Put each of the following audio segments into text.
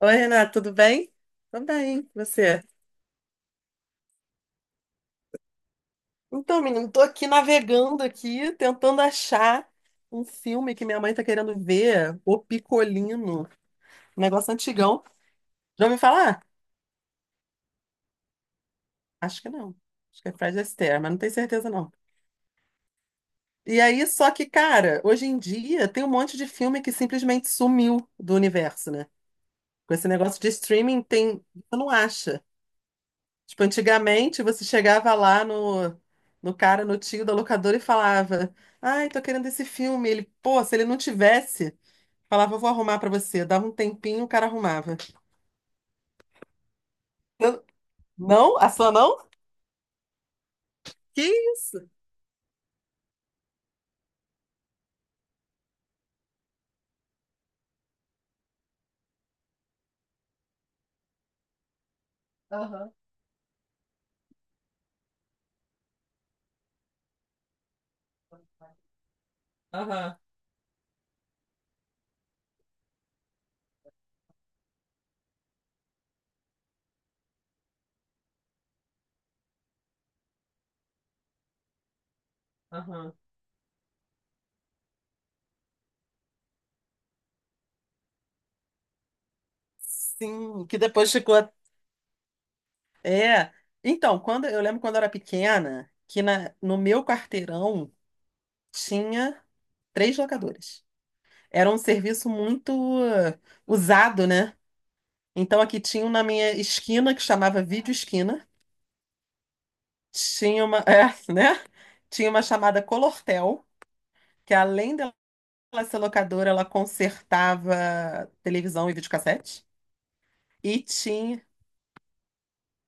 Oi, Renato, tudo bem? Tudo bem, e você? Então, menino, tô aqui navegando aqui, tentando achar um filme que minha mãe tá querendo ver, O Picolino, um negócio antigão. Já ouviu falar? Acho que não. Acho que é Fred Astaire, mas não tenho certeza não. E aí, só que, cara, hoje em dia tem um monte de filme que simplesmente sumiu do universo, né? Com esse negócio de streaming, tem. Você não acha? Tipo, antigamente você chegava lá no cara, no tio da locadora e falava: Ai, tô querendo esse filme. Ele, pô, se ele não tivesse, falava: Eu vou arrumar pra você. Dava um tempinho, o cara arrumava. Eu- Não? A sua não? Que isso? Aham, aham, aham. Sim, que depois ficou. É. Então, quando eu lembro quando eu era pequena, que na, no meu quarteirão tinha três locadores. Era um serviço muito usado, né? Então aqui tinha um na minha esquina que chamava Vídeo Esquina. Tinha uma, é, né? Tinha uma chamada Colortel, que além dela ser locadora, ela consertava televisão e videocassete. E tinha,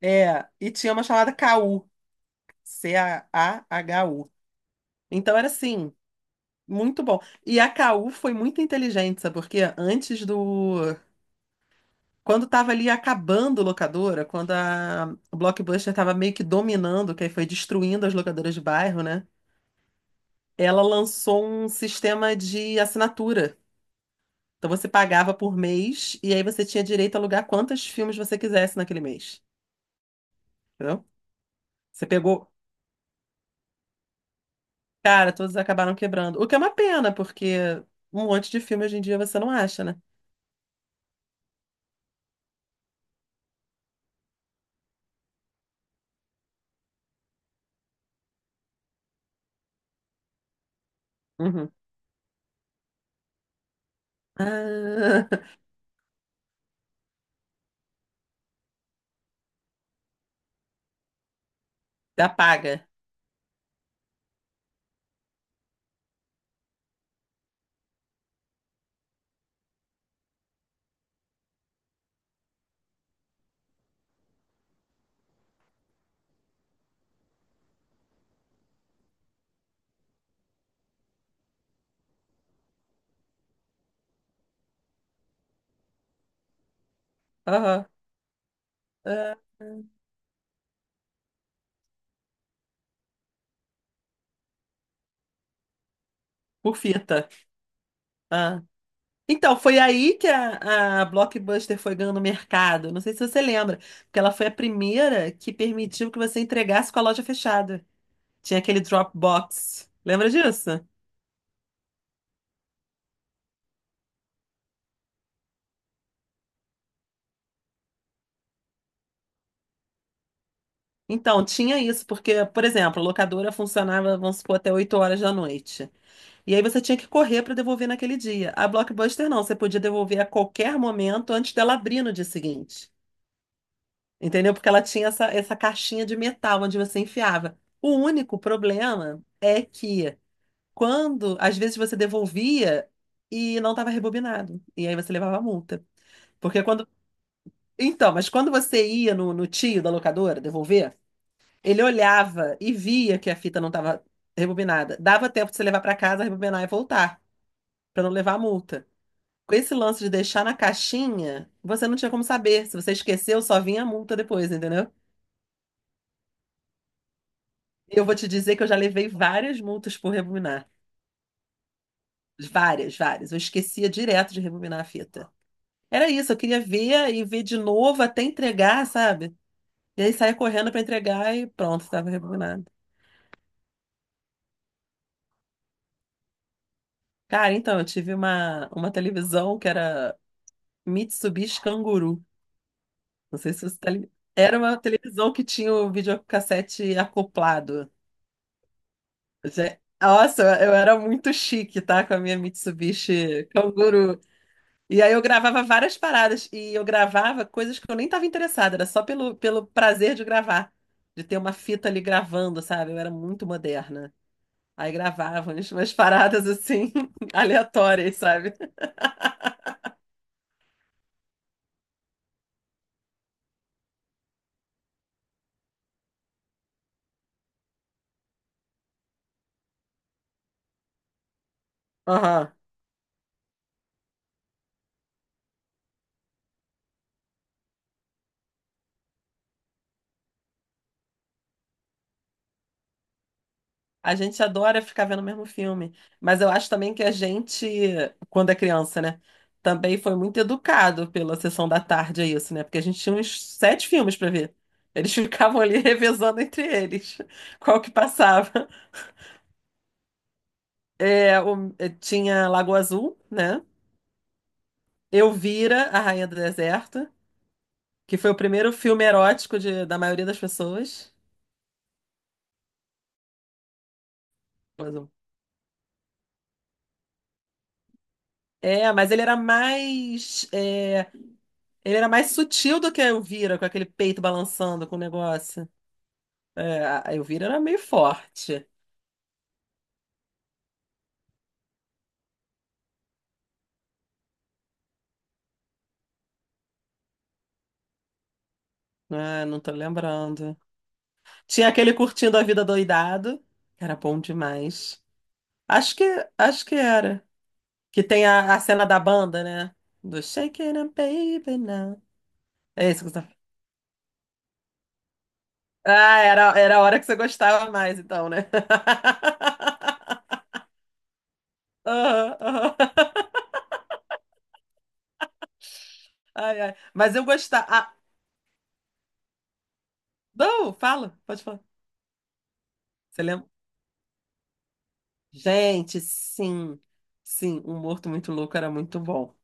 e tinha uma chamada Caú C-A-H-U. Então era assim, muito bom. E a Caú foi muito inteligente, sabe? Porque antes do. Quando estava ali acabando locadora, quando a Blockbuster estava meio que dominando, que aí foi destruindo as locadoras de bairro, né? Ela lançou um sistema de assinatura. Então você pagava por mês e aí você tinha direito a alugar quantos filmes você quisesse naquele mês. Entendeu? Você pegou. Cara, todos acabaram quebrando. O que é uma pena, porque um monte de filme hoje em dia você não acha, né? Uhum. Ah, já paga. Aham. Ah, por fita. Ah. Então, foi aí que a Blockbuster foi ganhando mercado. Não sei se você lembra, porque ela foi a primeira que permitiu que você entregasse com a loja fechada. Tinha aquele Dropbox. Lembra disso? Então, tinha isso, porque, por exemplo, a locadora funcionava, vamos supor, até 8 horas da noite. E aí você tinha que correr para devolver naquele dia. A Blockbuster não, você podia devolver a qualquer momento antes dela abrir no dia seguinte. Entendeu? Porque ela tinha essa caixinha de metal onde você enfiava. O único problema é que quando, às vezes, você devolvia e não estava rebobinado. E aí você levava a multa. Porque quando. Então, mas quando você ia no, no tio da locadora devolver. Ele olhava e via que a fita não estava rebobinada. Dava tempo de você levar para casa, rebobinar e voltar, para não levar a multa. Com esse lance de deixar na caixinha, você não tinha como saber. Se você esqueceu, só vinha a multa depois, entendeu? E eu vou te dizer que eu já levei várias multas por rebobinar. Várias, várias. Eu esquecia direto de rebobinar a fita. Era isso, eu queria ver e ver de novo até entregar, sabe? E aí saía correndo para entregar e pronto, estava rebobinado. Cara, então, eu tive uma televisão que era Mitsubishi Kanguru. Não sei se você tá ligado. Era uma televisão que tinha o videocassete acoplado. Nossa, eu era muito chique, tá? Com a minha Mitsubishi Kangoo. E aí eu gravava várias paradas. E eu gravava coisas que eu nem tava interessada. Era só pelo prazer de gravar. De ter uma fita ali gravando, sabe? Eu era muito moderna. Aí gravava umas paradas assim, aleatórias, sabe? Aham. A gente adora ficar vendo o mesmo filme, mas eu acho também que a gente, quando é criança, né, também foi muito educado pela sessão da tarde, é isso, né? Porque a gente tinha uns sete filmes para ver. Eles ficavam ali revezando entre eles, qual que passava. É, tinha Lagoa Azul, né? Elvira, A Rainha do Deserto, que foi o primeiro filme erótico da maioria das pessoas. Lagoa Azul. É, mas ele era mais sutil do que a Elvira, com aquele peito balançando com o negócio. É, a Elvira era meio forte. Ah, não tô lembrando. Tinha aquele curtindo a vida doidado, que era bom demais. Acho que, acho que era. Que tem a cena da banda, né? Do Shake It Up, Baby Now. É isso que você tá. Ah, era, era a hora que você gostava mais, então, né? Aham, aham. Ai, ai. Mas eu gostava. Ah, não, fala, pode falar. Você lembra? Gente, sim, sim, Um Morto Muito Louco era muito bom.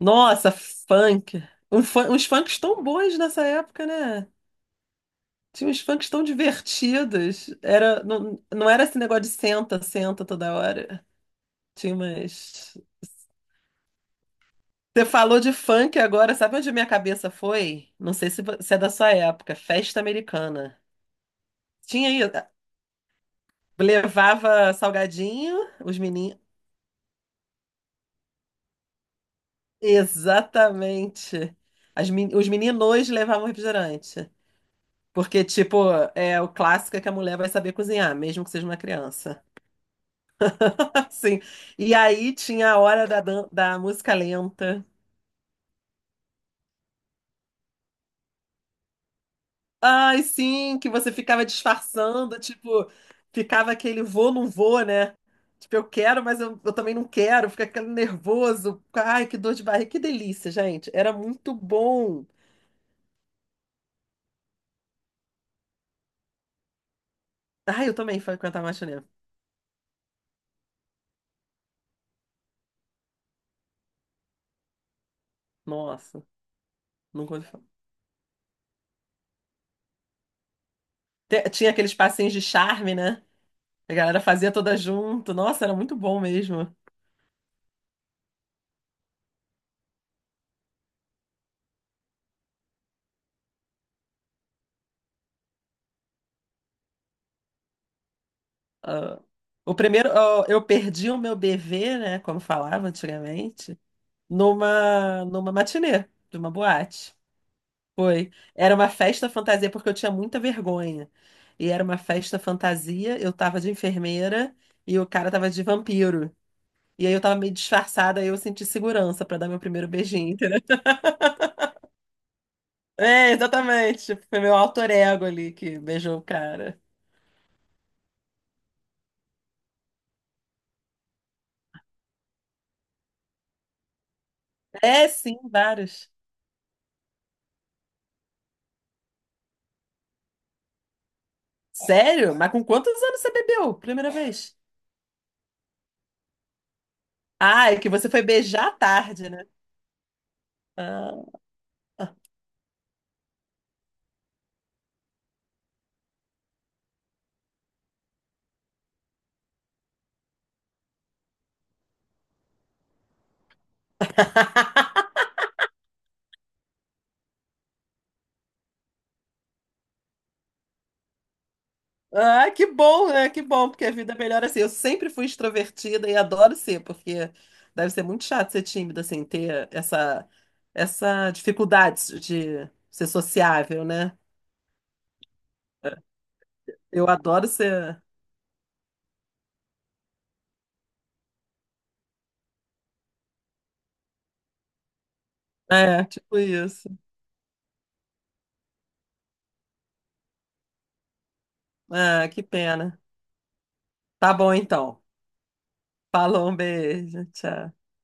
Nossa, funk. Uns funks tão bons nessa época, né? Tinha uns funks tão divertidos. Era, não, não era esse negócio de senta, senta toda hora. Tinha umas. Você falou de funk agora, sabe onde minha cabeça foi? Não sei se é da sua época, festa americana. Tinha aí, levava salgadinho, os meninos. Exatamente. Os meninos levavam refrigerante. Porque, tipo, é o clássico é que a mulher vai saber cozinhar, mesmo que seja uma criança. Sim. E aí tinha a hora da, da música lenta. Ai, sim, que você ficava disfarçando, tipo, ficava aquele vou, não vou, né? Tipo, eu quero, mas eu também não quero, fica aquele nervoso. Ai, que dor de barriga, que delícia, gente. Era muito bom. Ai, eu também frequentava matinê. Nossa, nunca. Tinha aqueles passinhos de charme, né? A galera fazia toda junto. Nossa, era muito bom mesmo. Ah, o primeiro, ah, eu perdi o meu bebê, né? Como falava antigamente, numa matinê, de uma boate. Foi. Era uma festa fantasia, porque eu tinha muita vergonha. E era uma festa fantasia, eu tava de enfermeira e o cara tava de vampiro. E aí eu tava meio disfarçada, aí eu senti segurança pra dar meu primeiro beijinho, entendeu? É, exatamente. Tipo, foi meu alter ego ali que beijou o cara. É, sim, vários. Sério? Mas com quantos anos você bebeu? Primeira vez? Ah, é que você foi beijar à tarde, né? Ah. Ah, que bom, né? Que bom, porque a vida é melhor assim. Eu sempre fui extrovertida e adoro ser, porque deve ser muito chato ser tímida, assim, ter essa dificuldade de ser sociável, né? Eu adoro ser. É, tipo isso. Ah, que pena. Tá bom, então. Falou, um beijo. Tchau.